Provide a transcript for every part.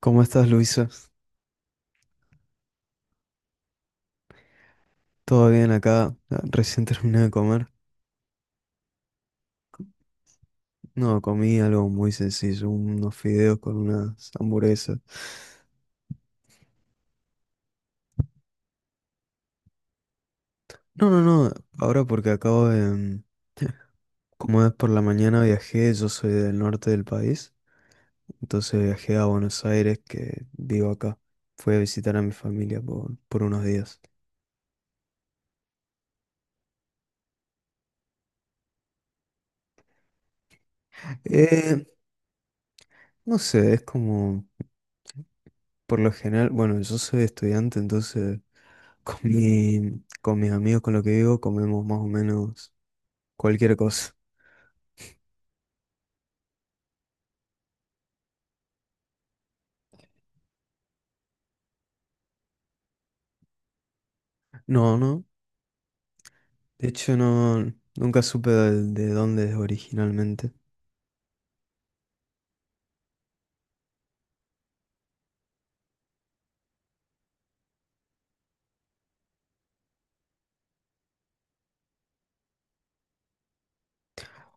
¿Cómo estás, Luisa? ¿Todo bien acá? Ah, recién terminé de comer. No, comí algo muy sencillo, unos fideos con unas hamburguesas. No, ahora porque acabo de... como es por la mañana viajé, yo soy del norte del país, entonces viajé a Buenos Aires, que vivo acá. Fui a visitar a mi familia por unos días. Eh, no sé, es como, por lo general, bueno, yo soy estudiante, entonces con mis amigos con los que vivo comemos más o menos cualquier cosa. No, no. De hecho, no, nunca supe de dónde es originalmente.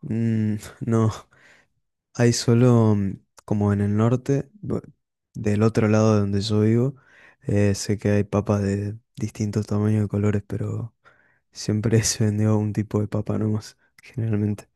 Mm, no, hay solo como en el norte, del otro lado de donde yo vivo, sé que hay papas de distintos tamaños y colores, pero siempre se vendió un tipo de papa nomás, generalmente.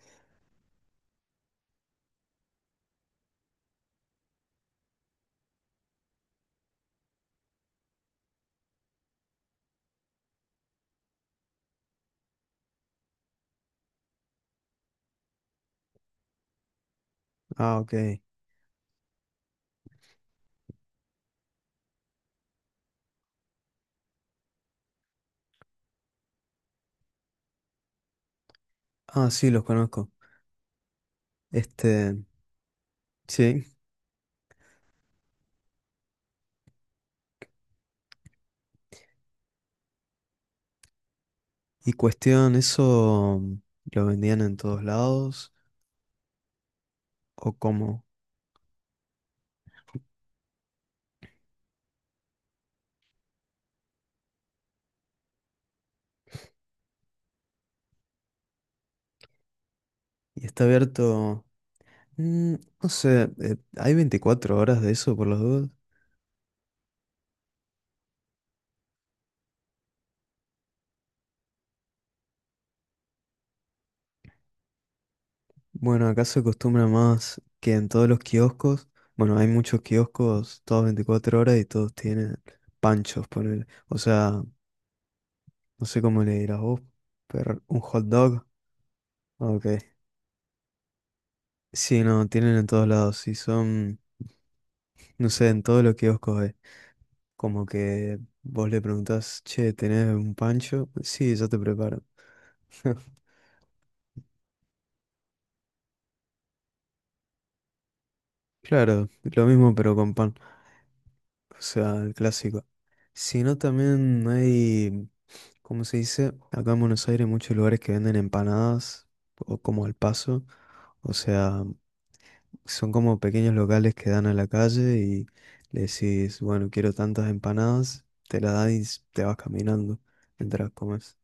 Ah, ok. Ah, sí, los conozco. Este, sí. Y cuestión, ¿eso lo vendían en todos lados o cómo? ¿Y está abierto? Mm, no sé, ¿hay 24 horas de eso por las dudas? Bueno, acá se acostumbra más que en todos los kioscos. Bueno, hay muchos kioscos, todos 24 horas, y todos tienen panchos, ponele. O sea, no sé cómo le dirás vos, pero un hot dog. Ok. Sí, no, tienen en todos lados. Y son, no sé, en todos los kioscos es como que vos le preguntás, che, ¿tenés un pancho? Sí, ya te preparo. Claro, lo mismo pero con pan. O sea, el clásico. Sino también hay, ¿cómo se dice? Acá en Buenos Aires hay muchos lugares que venden empanadas, o como al paso. O sea, son como pequeños locales que dan a la calle y le decís, bueno, quiero tantas empanadas, te la dan y te vas caminando mientras comes.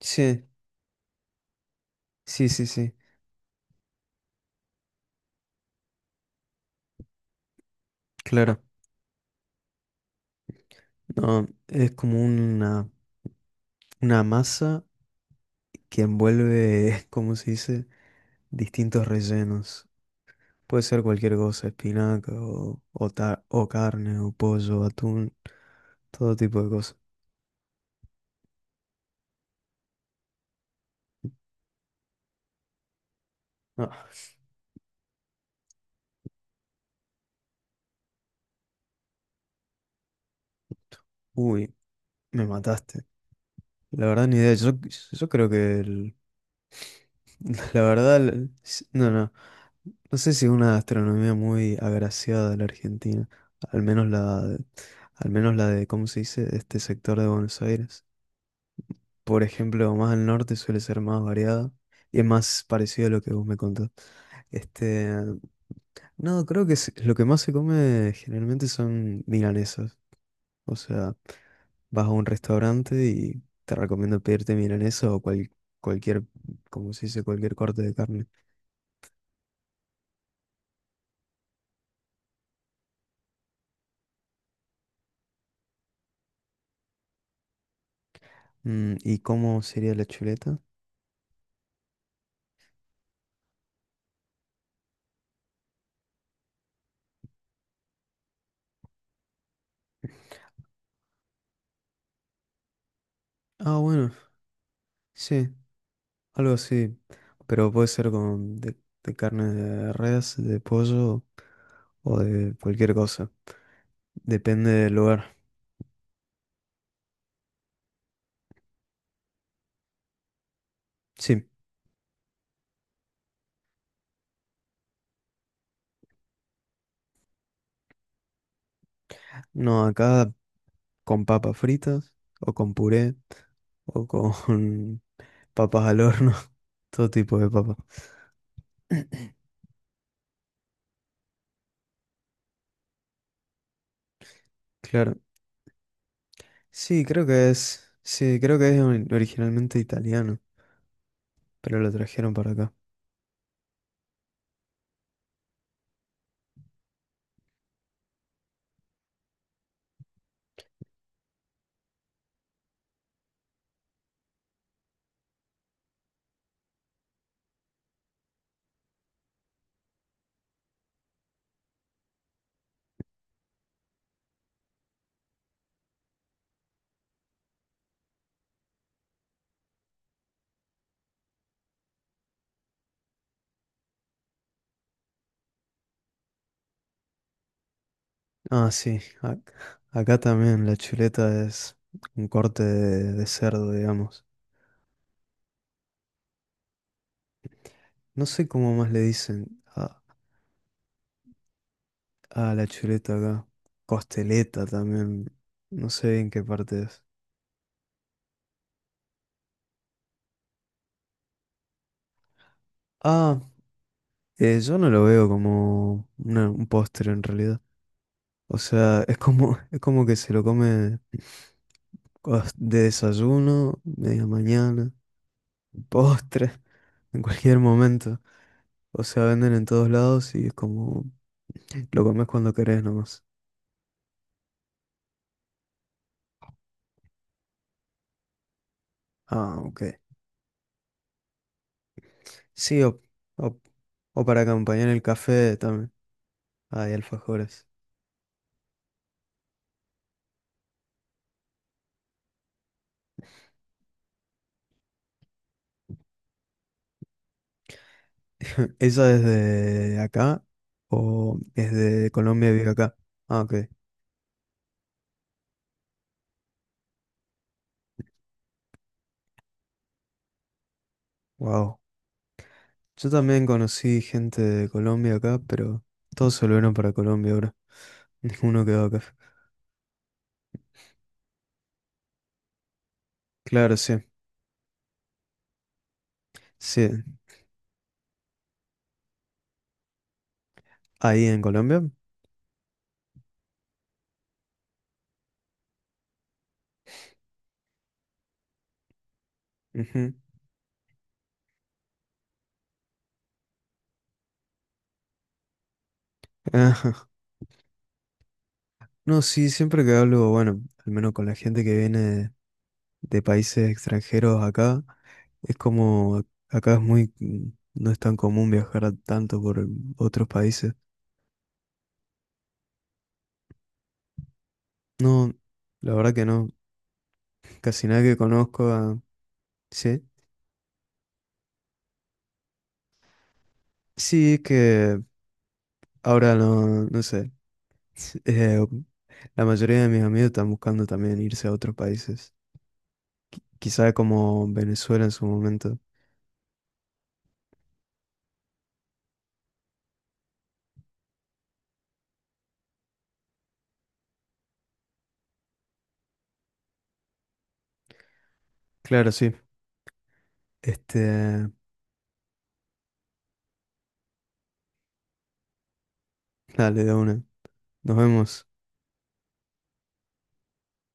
Sí, sí, claro. No, es como una masa que envuelve, ¿cómo se dice? Distintos rellenos. Puede ser cualquier cosa, espinaca o carne o pollo, atún, todo tipo de cosas. Ah, uy, me mataste. La verdad ni idea. Yo creo que la verdad, no, no. No sé si es una gastronomía muy agraciada de la Argentina. Al menos la de, al menos la de, ¿cómo se dice? Este sector de Buenos Aires. Por ejemplo, más al norte suele ser más variada y es más parecido a lo que vos me contás. Este, no, creo que lo que más se come generalmente son milanesas. O sea, vas a un restaurante y te recomiendo pedirte milanesa cualquier, como se dice, cualquier corte de carne. Mm, ¿y cómo sería la chuleta? Ah, bueno, sí, algo así. Pero puede ser con de carne de res, de pollo o de cualquier cosa. Depende del lugar. Sí, no, acá con papas fritas o con puré o con papas al horno, todo tipo de papas. Claro. Sí, creo que es. Sí, creo que es originalmente italiano, pero lo trajeron para acá. Ah, sí. Acá también la chuleta es un corte de cerdo, digamos. No sé cómo más le dicen a la chuleta acá. Costeleta también. No sé en qué parte es. Ah, yo no lo veo como un postre en realidad. O sea, es como, es como que se lo come. De desayuno, media mañana, postre, en cualquier momento. O sea, venden en todos lados y es como lo comes cuando querés nomás. Ah, ok. Sí, o, o para acompañar el café también. Hay alfajores. ¿Esa es de acá o es de Colombia y vive acá? Ah, ok. Wow. Yo también conocí gente de Colombia acá, pero todos se volvieron para Colombia ahora. Ninguno quedó acá. Claro, sí. Sí, ahí en Colombia. Ujú. Ajá. No, sí, siempre que hablo, bueno, al menos con la gente que viene de países extranjeros acá, es como acá es muy, no es tan común viajar tanto por otros países. No, la verdad que no, casi nadie que conozco, ah, sí, sí es que ahora no, no sé, eh, la mayoría de mis amigos están buscando también irse a otros países, quizá como Venezuela en su momento. Claro, sí. Este, dale, de una. Nos vemos.